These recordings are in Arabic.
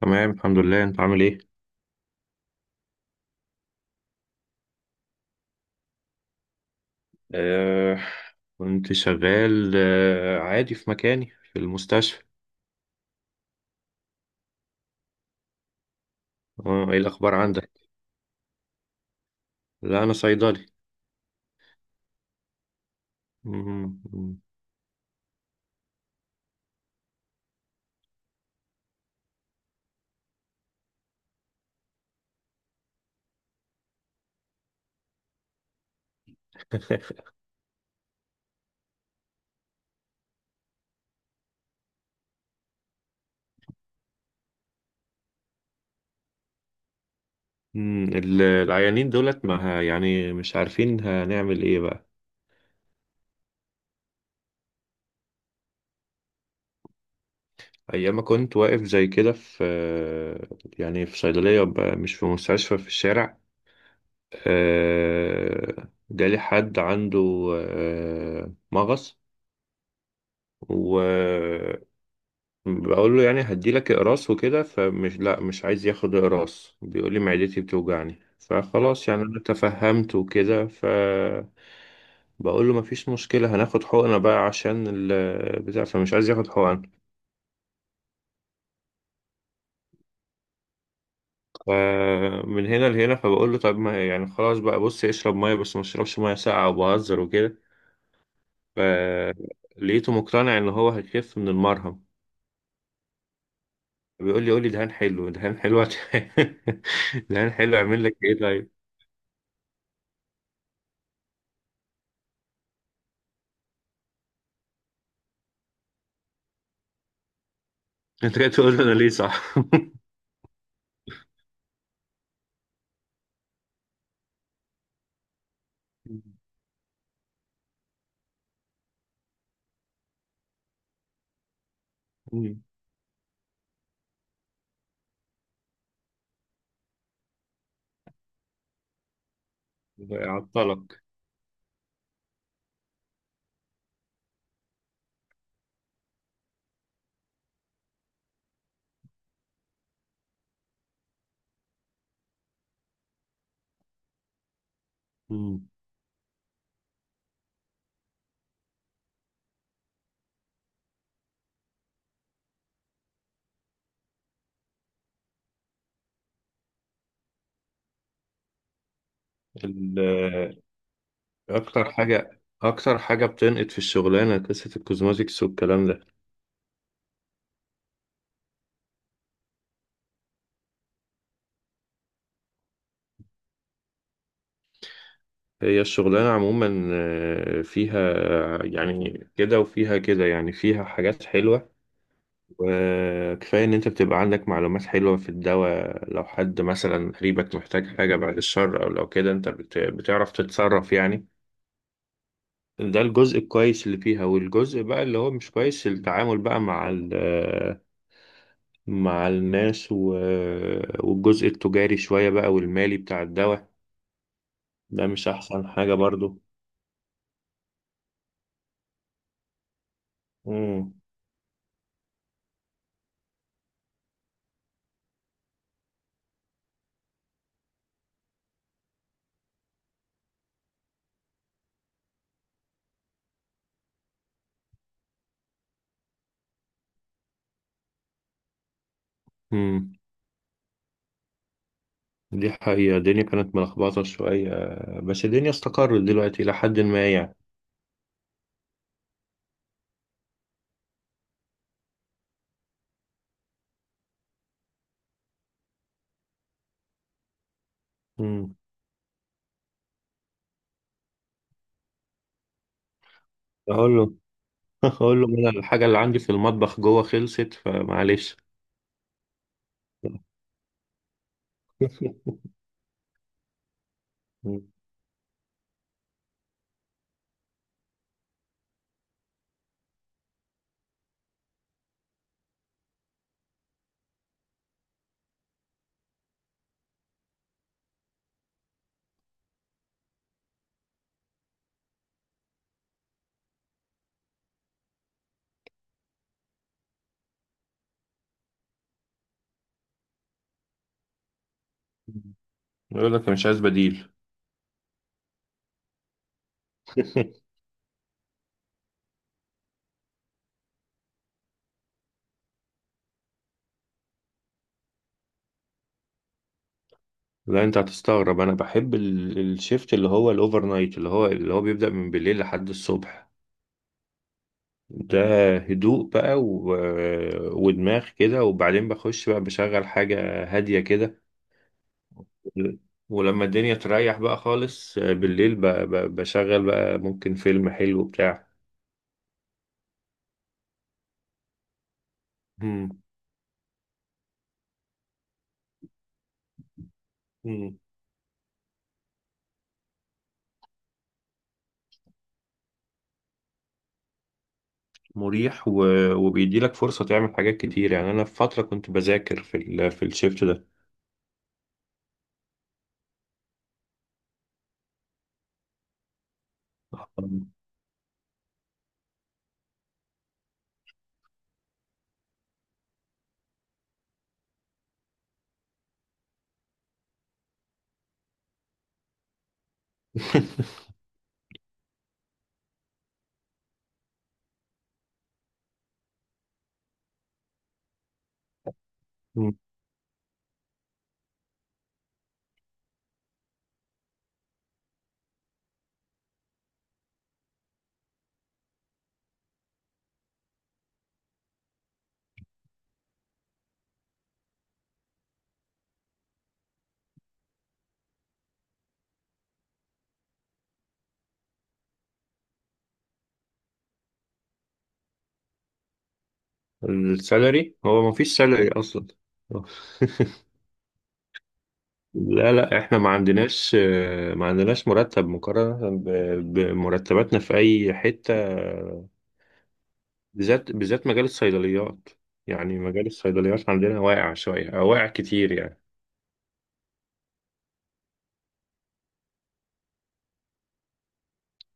تمام، الحمد لله. انت عامل ايه؟ آه. كنت شغال عادي في مكاني، في المستشفى. آه، ايه الاخبار عندك؟ لا، انا صيدلي. مم. مم. العيانين دولت ما ه- يعني مش عارفين هنعمل ايه بقى. ايام ما كنت واقف زي كده، في آه، يعني في صيدلية بقى، مش في مستشفى، في الشارع. جالي حد عنده مغص. بقول له يعني هدي لك اقراص وكده، فمش، لا، مش عايز ياخد اقراص. بيقول لي معدتي بتوجعني. فخلاص، يعني انا تفهمت وكده. ف بقول له مفيش مشكلة، هناخد حقنة بقى عشان البتاع. فمش عايز ياخد حقن. فمن هنا لهنا، فبقول له طب ما يعني خلاص بقى، بص اشرب مية، بس ما اشربش مية ساقعة، وبهزر وكده. فلقيته مقتنع ان هو هيخف من المرهم. بيقول لي قول لي دهان حلو، دهان حلو دهان حلو اعمل لك ايه طيب؟ انت جاي تقول لي انا ليه؟ صح. مم. يعطلك. مم. ال- اكتر حاجه بتنقد في الشغلانه قصه الكوزماتكس والكلام ده. هي الشغلانه عموما فيها يعني كده وفيها كده، يعني فيها حاجات حلوه. وكفايه ان انت بتبقى عندك معلومات حلوه في الدواء، لو حد مثلا قريبك محتاج حاجه، بعد الشر، او لو كده انت بتعرف تتصرف يعني. ده الجزء الكويس اللي فيها، والجزء بقى اللي هو مش كويس، التعامل بقى مع مع الناس والجزء التجاري شوية بقى، والمالي بتاع الدواء. ده مش أحسن حاجة برضو. مم. مم. دي حقيقة، الدنيا كانت ملخبطة شوية، بس الدنيا استقرت دلوقتي إلى حد ما يعني. مم. أقول له أقول له أنا الحاجة اللي عندي في المطبخ جوه خلصت، فمعلش. مم. يقول لك مش عايز بديل. لا، انت هتستغرب، انا بحب الشيفت اللي هو الاوفر نايت، اللي هو بيبدأ من بالليل لحد الصبح. ده هدوء بقى، ودماغ كده، وبعدين بخش بقى بشغل حاجة هادية كده. ولما الدنيا تريح بقى خالص، بالليل بشغل بقى ممكن فيلم حلو بتاع. مم. مم. مريح، وبيديلك فرصة تعمل حاجات كتير. يعني انا في فترة كنت بذاكر في الشيفت ده. مم. السالري، هو ما فيش سالري اصلا. لا، لا، احنا ما عندناش مرتب مقارنة بمرتباتنا في اي حتة، بالذات بالذات مجال الصيدليات. يعني مجال الصيدليات عندنا واقع شوية أو واقع كتير يعني.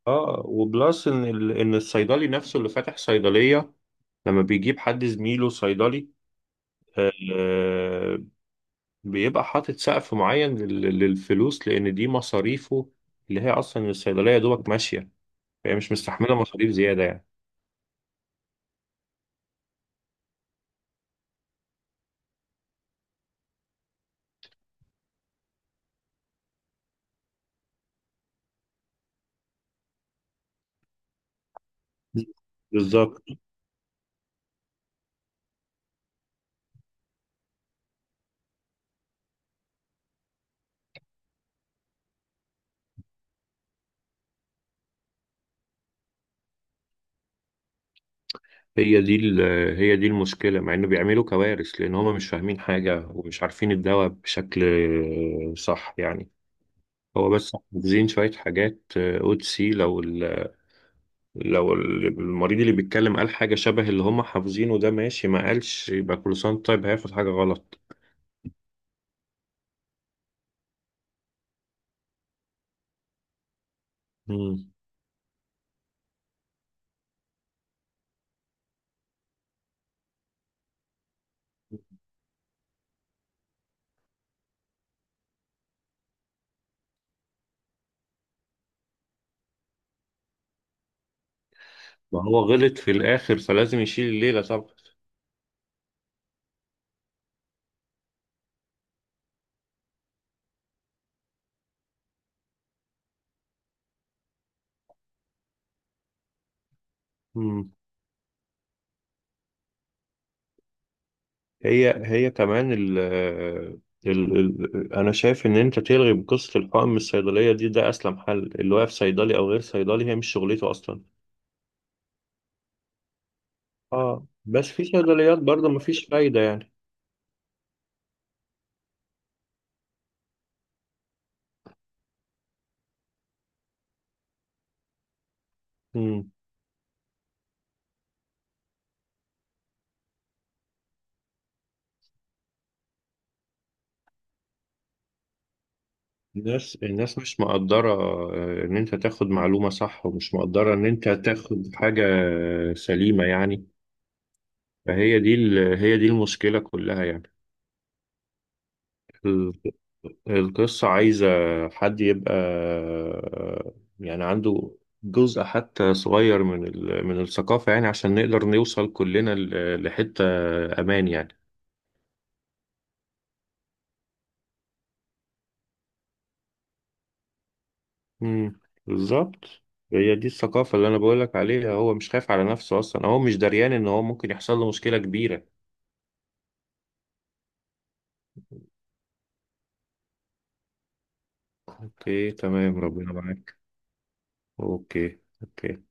اه، وبلس ان ان الصيدلي نفسه اللي فاتح صيدلية، لما بيجيب حد زميله صيدلي، آه، بيبقى حاطط سقف معين للفلوس، لان دي مصاريفه اللي هي اصلا الصيدليه يا دوبك ماشيه، فهي مش مستحمله مصاريف زياده يعني. بالظبط. هي دي ال- هي دي المشكله، مع انه بيعملوا كوارث لان هم مش فاهمين حاجه ومش عارفين الدواء بشكل صح يعني. هو بس حافظين شويه حاجات، OTC، المريض اللي بيتكلم قال حاجه شبه اللي هم حافظينه، ده ماشي. ما قالش، يبقى كل سنه طيب هياخد حاجه غلط. مم. ما هو غلط في الآخر، فلازم يشيل الليلة طبعا. مم. هي كمان ال ال ال أنا شايف إن أنت تلغي قصة الحقن من الصيدلية دي، ده أسلم حل. اللي واقف صيدلي أو غير صيدلي، هي مش شغلته أصلا. آه، بس في صيدليات برضه مفيش فايدة يعني. مم. الناس مش مقدرة، إن أنت تاخد معلومة صح، ومش مقدرة إن أنت تاخد حاجة سليمة يعني. فهي دي هي دي المشكلة كلها. يعني القصة عايزة حد يبقى يعني عنده جزء حتى صغير من من الثقافة، يعني عشان نقدر نوصل كلنا لحتة أمان يعني. امم بالظبط، هي دي الثقافة اللي أنا بقولك عليها. هو مش خايف على نفسه أصلا، هو مش دريان إن هو ممكن يحصل له مشكلة كبيرة. أوكي، تمام، ربنا معاك. أوكي، أوكي.